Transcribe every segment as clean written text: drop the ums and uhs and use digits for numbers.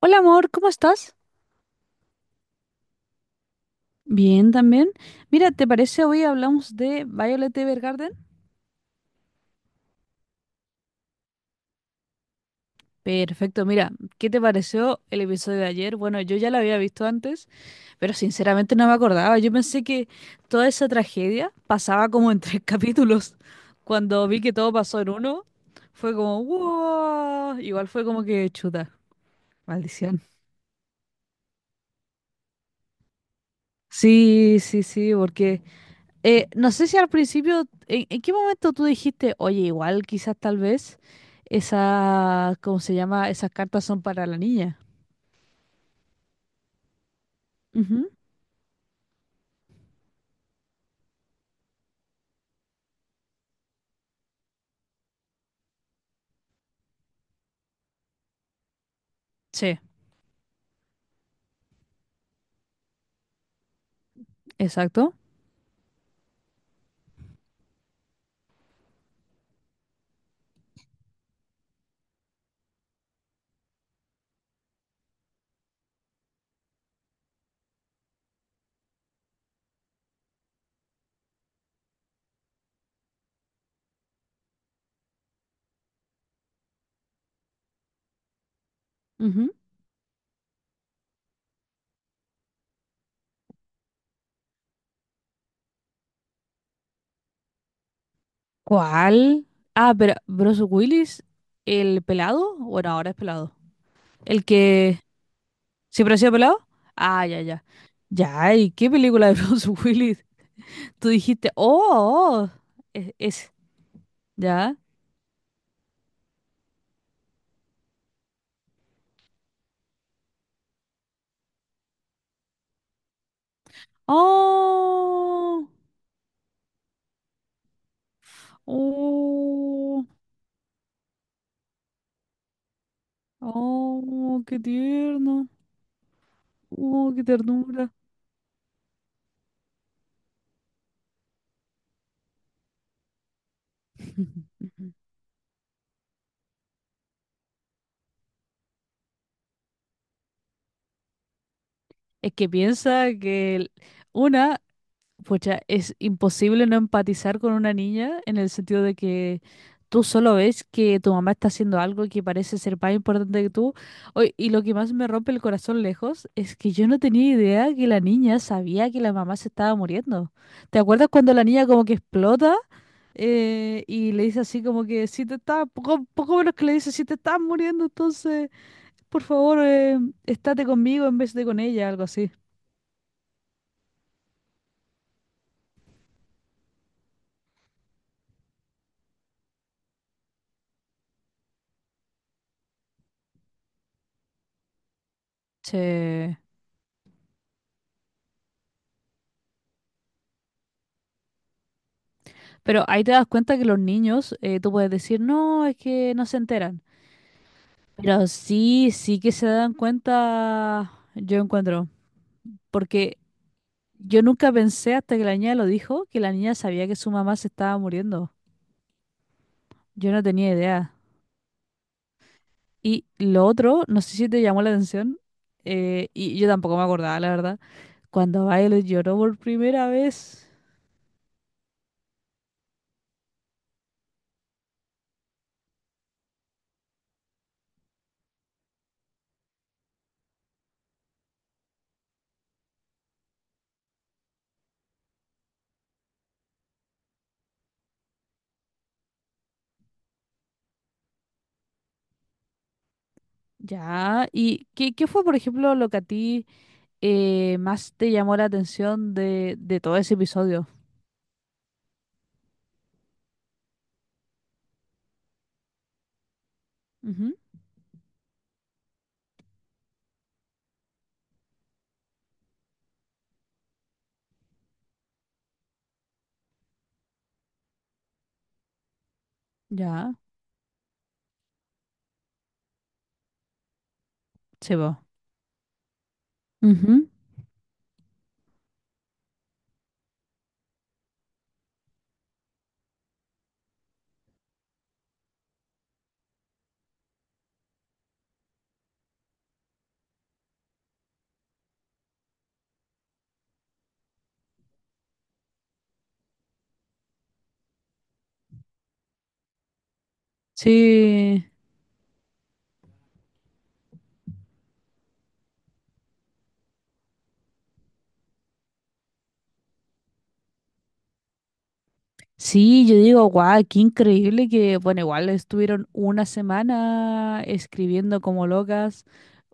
Hola amor, ¿cómo estás? Bien, también. Mira, ¿te parece hoy hablamos de Violet Evergarden? Perfecto, mira, ¿qué te pareció el episodio de ayer? Bueno, yo ya lo había visto antes, pero sinceramente no me acordaba. Yo pensé que toda esa tragedia pasaba como en tres capítulos. Cuando vi que todo pasó en uno, fue como, wow, igual fue como que chuta, maldición. Sí, sí, sí, porque, no sé si al principio, ¿en qué momento tú dijiste, oye, igual quizás tal vez esa, ¿cómo se llama? Esas cartas son para la niña. Ujú, sí, exacto. Ujú. ¿Cuál? Ah, pero Bruce Willis, el pelado, bueno, ahora es pelado. El que siempre ha sido pelado. Ah, ya, ya. Ya, ¿y qué película de Bruce Willis? Tú dijiste, oh, oh, oh, es, es- ya. Oh, oh. Oh, qué tierno. Oh, qué ternura. Es que piensa que una, pucha, es imposible no empatizar con una niña en el sentido de que tú solo ves que tu mamá está haciendo algo que parece ser más importante que tú. Oy, y lo que más me rompe el corazón lejos es que yo no tenía idea que la niña sabía que la mamá se estaba muriendo. ¿Te acuerdas cuando la niña como que explota? Y le dice así como que si te estás, poco menos que le dice, si te estás muriendo, entonces, por favor, estate conmigo en vez de con ella, algo así. Sí. Pero ahí te das cuenta que los niños, tú puedes decir, no, es que no se enteran. Pero sí, sí que se dan cuenta, yo encuentro. Porque yo nunca pensé hasta que la niña lo dijo, que la niña sabía que su mamá se estaba muriendo. Yo no tenía idea. Y lo otro, no sé si te llamó la atención, y yo tampoco me acordaba, la verdad, cuando Violet lloró por primera vez. Ya, ¿y qué fue, por ejemplo, lo que a ti más te llamó la atención de todo ese episodio? Ujú. Ya, se va. Ujú. Sí. Sí, yo digo, guau, qué increíble que, bueno, igual estuvieron una semana escribiendo como locas,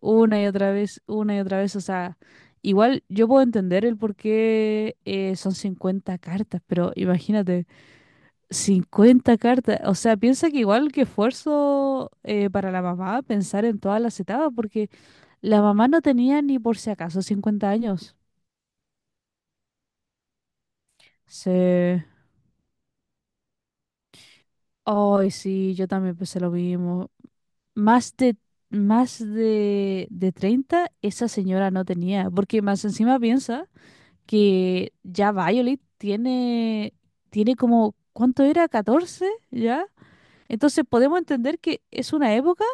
una y otra vez, una y otra vez, o sea, igual yo puedo entender el por qué son 50 cartas, pero imagínate, 50 cartas, o sea, piensa que igual que esfuerzo para la mamá pensar en todas las etapas, porque la mamá no tenía ni por si acaso 50 años. Sí. Ay, sí, yo también pensé lo mismo. más de, más de 30 esa señora no tenía, porque más encima piensa que ya Violet tiene como, ¿cuánto era? 14, ¿ya? Entonces podemos entender que es una época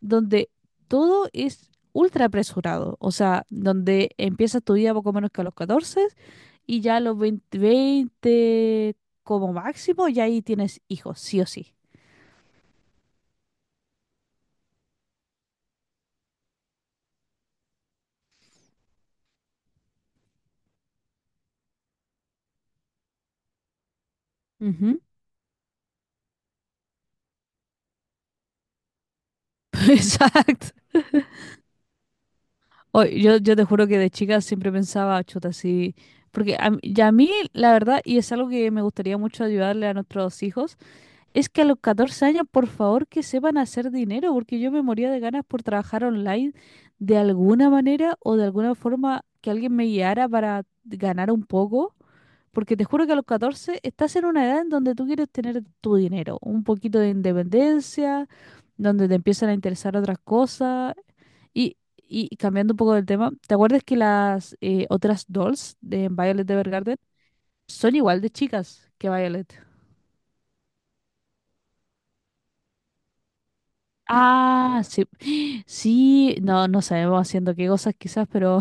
donde todo es ultra apresurado, o sea, donde empiezas tu vida poco menos que a los 14, y ya a los veinte como máximo, ya ahí tienes hijos, sí o sí. Ujú. Exacto. Oh, yo te juro que de chica siempre pensaba, chuta, así. Porque a mí, la verdad, y es algo que me gustaría mucho ayudarle a nuestros hijos, es que a los 14 años, por favor, que sepan hacer dinero, porque yo me moría de ganas por trabajar online de alguna manera o de alguna forma que alguien me guiara para ganar un poco. Porque te juro que a los 14 estás en una edad en donde tú quieres tener tu dinero, un poquito de independencia, donde te empiezan a interesar otras cosas. Y cambiando un poco del tema, ¿te acuerdas que las otras dolls de Violet Evergarden son igual de chicas que Violet? Ah, sí. Sí, no, no sabemos haciendo qué cosas quizás, pero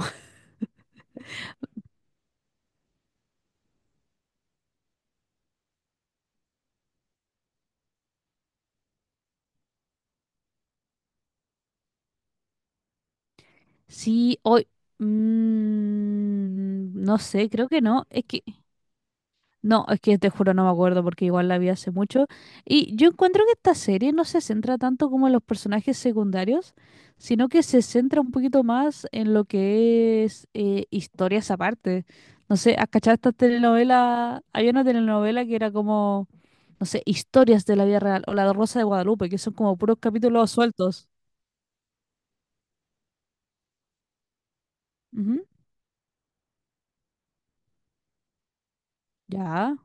sí, hoy... no sé, creo que no. Es que No, es que te juro no me acuerdo porque igual la vi hace mucho. Y yo encuentro que esta serie no se centra tanto como en los personajes secundarios, sino que se centra un poquito más en lo que es historias aparte. No sé, ¿has cachado estas telenovelas? Había una telenovela que era como, no sé, historias de la vida real o La Rosa de Guadalupe, que son como puros capítulos sueltos. Ujú. Ya,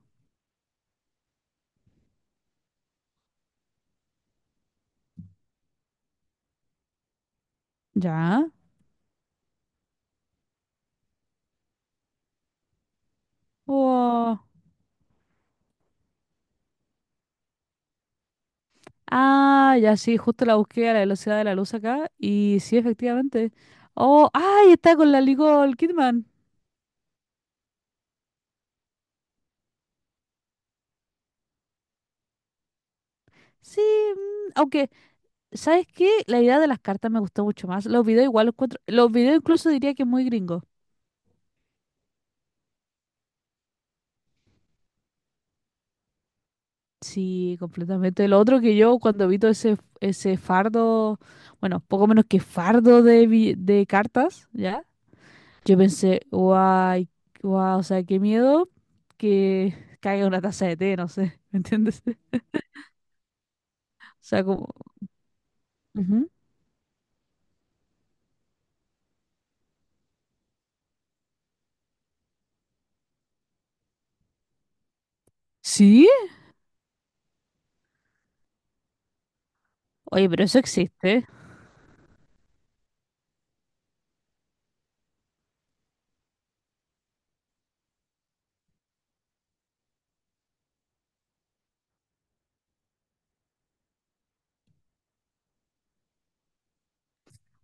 ya. Wow. Ah, ya sí, justo la busqué a la velocidad de la luz acá y sí, efectivamente. Oh, ay, está con la Nicole Kidman. Sí, aunque, ¿sabes qué? La idea de las cartas me gustó mucho más. Los videos igual los encuentro, los videos incluso diría que es muy gringo. Sí, completamente. Lo otro que yo cuando vi todo ese fardo, bueno, poco menos que fardo de, de cartas, ¿ya? Yo pensé, guay, guau, o sea, qué miedo que caiga una taza de té, no sé, ¿me entiendes? O sea, como, ujú. ¿Sí? Oye, pero eso existe.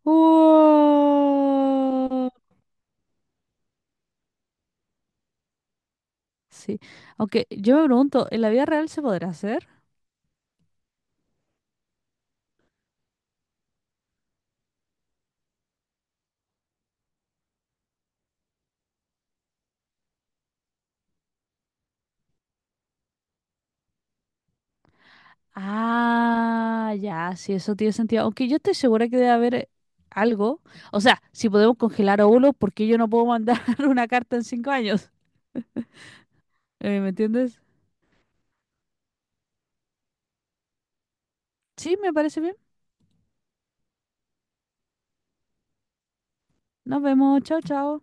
Oh, sí. Aunque yo me pregunto, ¿en la vida real se podrá hacer? Ah, ya, sí, eso tiene sentido. Aunque yo estoy segura que debe haber algo. O sea, si podemos congelar óvulos, ¿por qué yo no puedo mandar una carta en 5 años? ¿Me entiendes? Sí, me parece bien. Nos vemos. Chao, chao.